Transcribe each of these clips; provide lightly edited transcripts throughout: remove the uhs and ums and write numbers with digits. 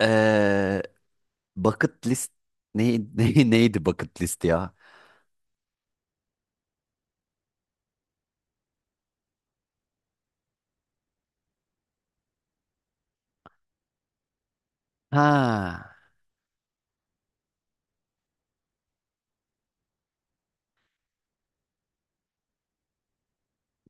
Ee, bucket list neydi bucket list ya? Ha,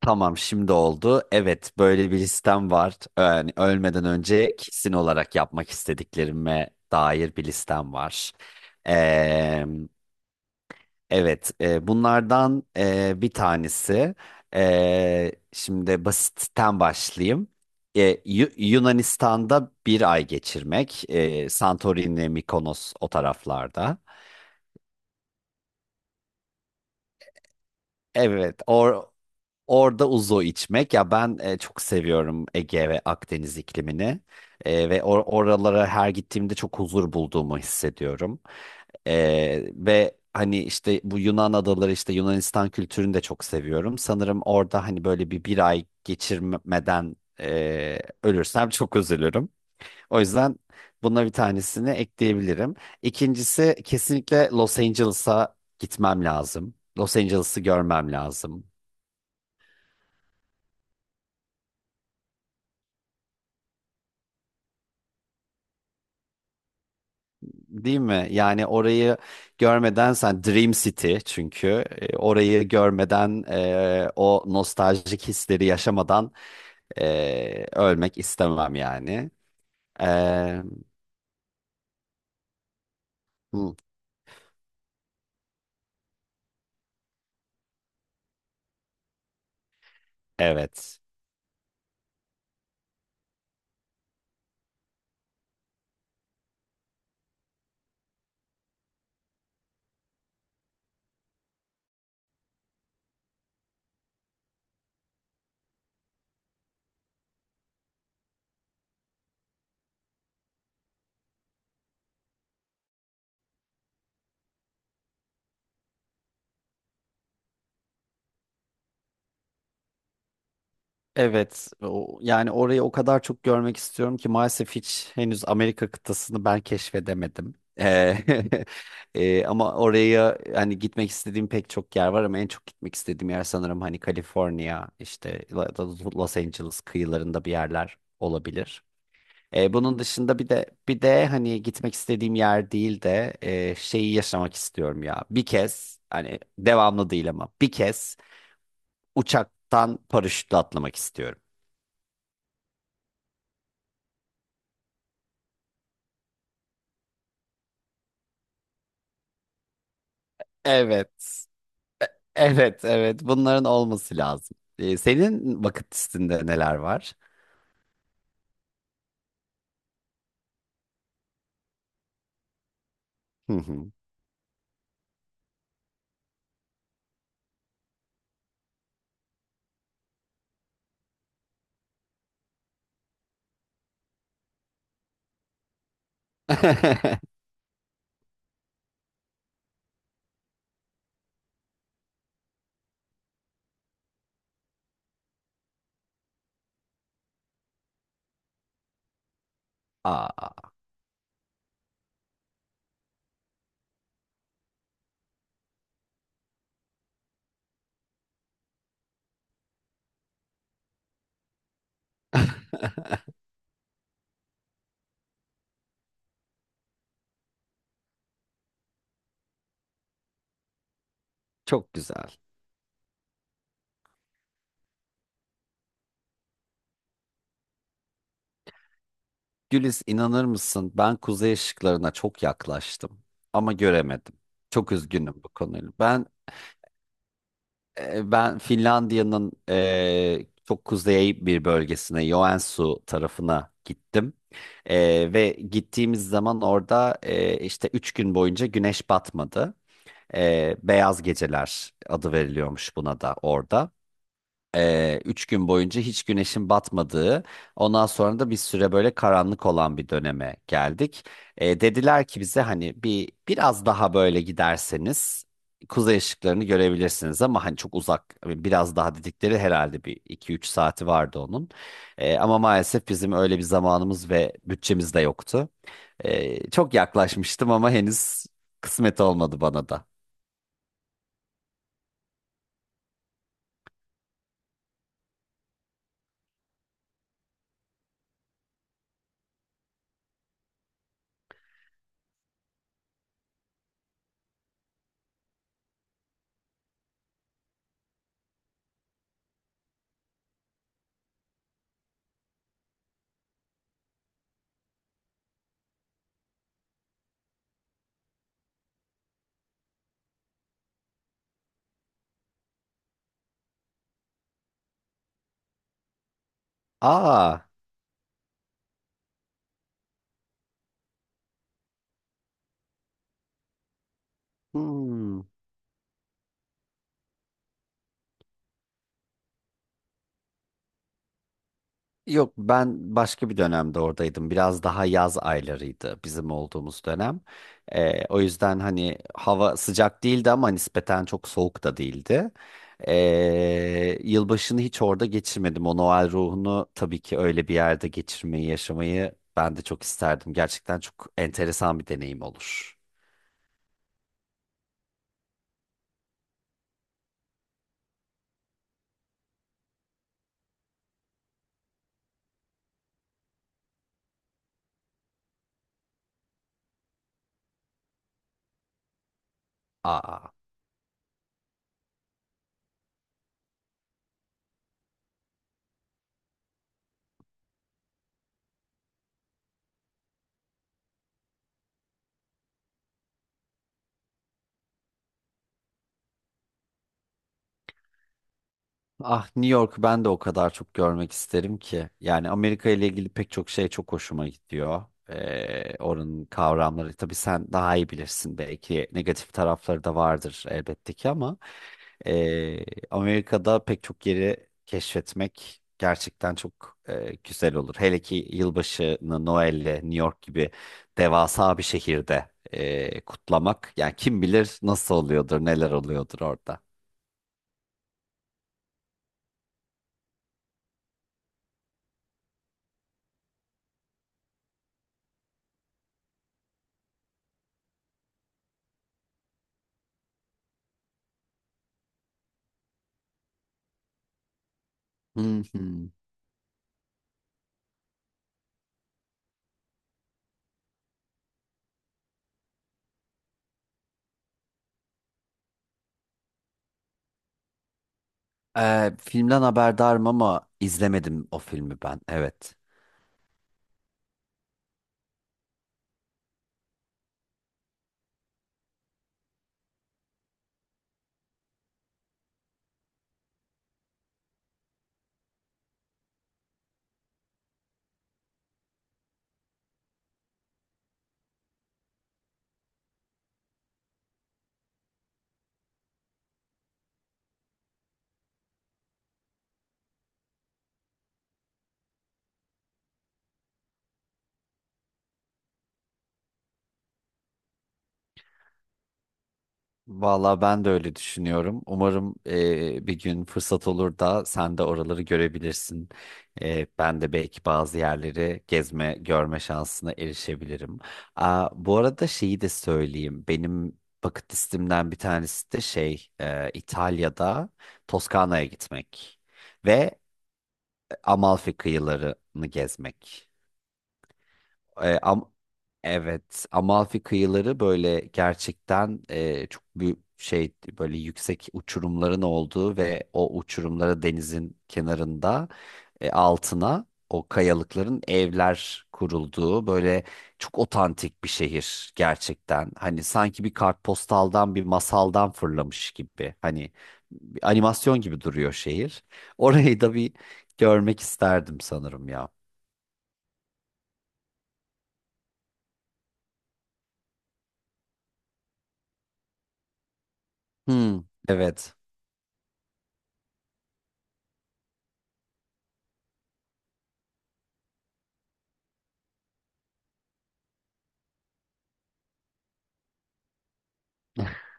tamam şimdi oldu. Evet böyle bir listem var. Yani ölmeden önce kesin olarak yapmak istediklerime dair bir listem var. Ee, evet bunlardan bir tanesi. Şimdi basitten başlayayım. Yunanistan'da bir ay geçirmek. E, Santorini, Mikonos o taraflarda. Evet, orada uzo içmek ya, ben çok seviyorum Ege ve Akdeniz iklimini. Oralara her gittiğimde çok huzur bulduğumu hissediyorum. E, Ve hani işte bu Yunan adaları, işte Yunanistan kültürünü de çok seviyorum. Sanırım orada hani böyle bir ay geçirmeden ölürsem çok üzülürüm. O yüzden buna bir tanesini ekleyebilirim. İkincisi kesinlikle Los Angeles'a gitmem lazım. Los Angeles'ı görmem lazım. Değil mi? Yani orayı görmeden, sen Dream City çünkü orayı görmeden, o nostaljik hisleri yaşamadan ölmek istemem yani. E, hı, evet. Evet, o, yani orayı o kadar çok görmek istiyorum ki, maalesef hiç henüz Amerika kıtasını ben keşfedemedim. Ama oraya hani gitmek istediğim pek çok yer var, ama en çok gitmek istediğim yer sanırım hani Kaliforniya, işte Los Angeles kıyılarında bir yerler olabilir. Bunun dışında bir de hani gitmek istediğim yer değil de şeyi yaşamak istiyorum ya. Bir kez, hani devamlı değil ama bir kez uçaktan paraşütle atlamak istiyorum. Evet. Evet, evet. Bunların olması lazım. Senin vakit listinde neler var? Hı hı. Aa, çok güzel. Güliz, inanır mısın? Ben kuzey ışıklarına çok yaklaştım ama göremedim. Çok üzgünüm bu konuyla. Ben Finlandiya'nın çok kuzey bir bölgesine, Joensuu tarafına gittim. Ve gittiğimiz zaman orada işte üç gün boyunca güneş batmadı. Beyaz Geceler adı veriliyormuş buna da orada. Üç gün boyunca hiç güneşin batmadığı, ondan sonra da bir süre böyle karanlık olan bir döneme geldik. Dediler ki bize, hani bir biraz daha böyle giderseniz kuzey ışıklarını görebilirsiniz, ama hani çok uzak, biraz daha dedikleri herhalde bir iki üç saati vardı onun. Ama maalesef bizim öyle bir zamanımız ve bütçemiz de yoktu. Çok yaklaşmıştım ama henüz kısmet olmadı bana da. Aa. Hmm. Yok, ben başka bir dönemde oradaydım. Biraz daha yaz aylarıydı bizim olduğumuz dönem. O yüzden hani hava sıcak değildi ama nispeten çok soğuk da değildi. Yılbaşını hiç orada geçirmedim. O Noel ruhunu tabii ki öyle bir yerde geçirmeyi, yaşamayı ben de çok isterdim. Gerçekten çok enteresan bir deneyim olur. Aa. Ah, New York'u ben de o kadar çok görmek isterim ki. Yani Amerika ile ilgili pek çok şey çok hoşuma gidiyor. Oranın kavramları tabii sen daha iyi bilirsin, belki negatif tarafları da vardır elbette ki, ama ee, Amerika'da pek çok yeri keşfetmek gerçekten çok güzel olur. Hele ki yılbaşını Noel'le, New York gibi devasa bir şehirde kutlamak, yani kim bilir nasıl oluyordur, neler oluyordur orada. Hı hı. Filmden haberdarım ama izlemedim o filmi ben. Evet. Vallahi ben de öyle düşünüyorum. Umarım bir gün fırsat olur da sen de oraları görebilirsin. Ben de belki bazı yerleri gezme, görme şansına erişebilirim. Aa, bu arada şeyi de söyleyeyim. Benim bucket listemden bir tanesi de şey, İtalya'da Toskana'ya gitmek ve Amalfi kıyılarını gezmek. E, am Evet, Amalfi kıyıları böyle gerçekten çok büyük şey, böyle yüksek uçurumların olduğu ve o uçurumlara, denizin kenarında altına o kayalıkların evler kurulduğu, böyle çok otantik bir şehir gerçekten. Hani sanki bir kartpostaldan, bir masaldan fırlamış gibi. Hani bir animasyon gibi duruyor şehir. Orayı da bir görmek isterdim sanırım ya. Hmm, evet.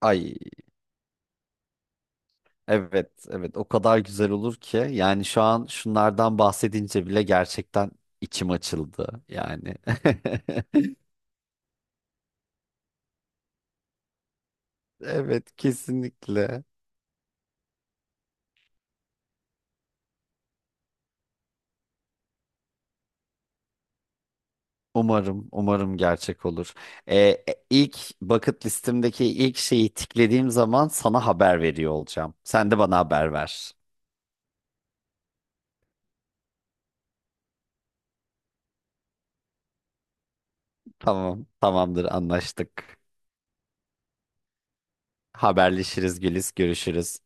Ay Evet, evet, o kadar güzel olur ki, yani şu an şunlardan bahsedince bile gerçekten içim açıldı yani. Evet, kesinlikle. Umarım, umarım gerçek olur. İlk bucket listemdeki ilk şeyi tiklediğim zaman sana haber veriyor olacağım. Sen de bana haber ver. Tamam, tamamdır, anlaştık. Haberleşiriz, Güliz, görüşürüz.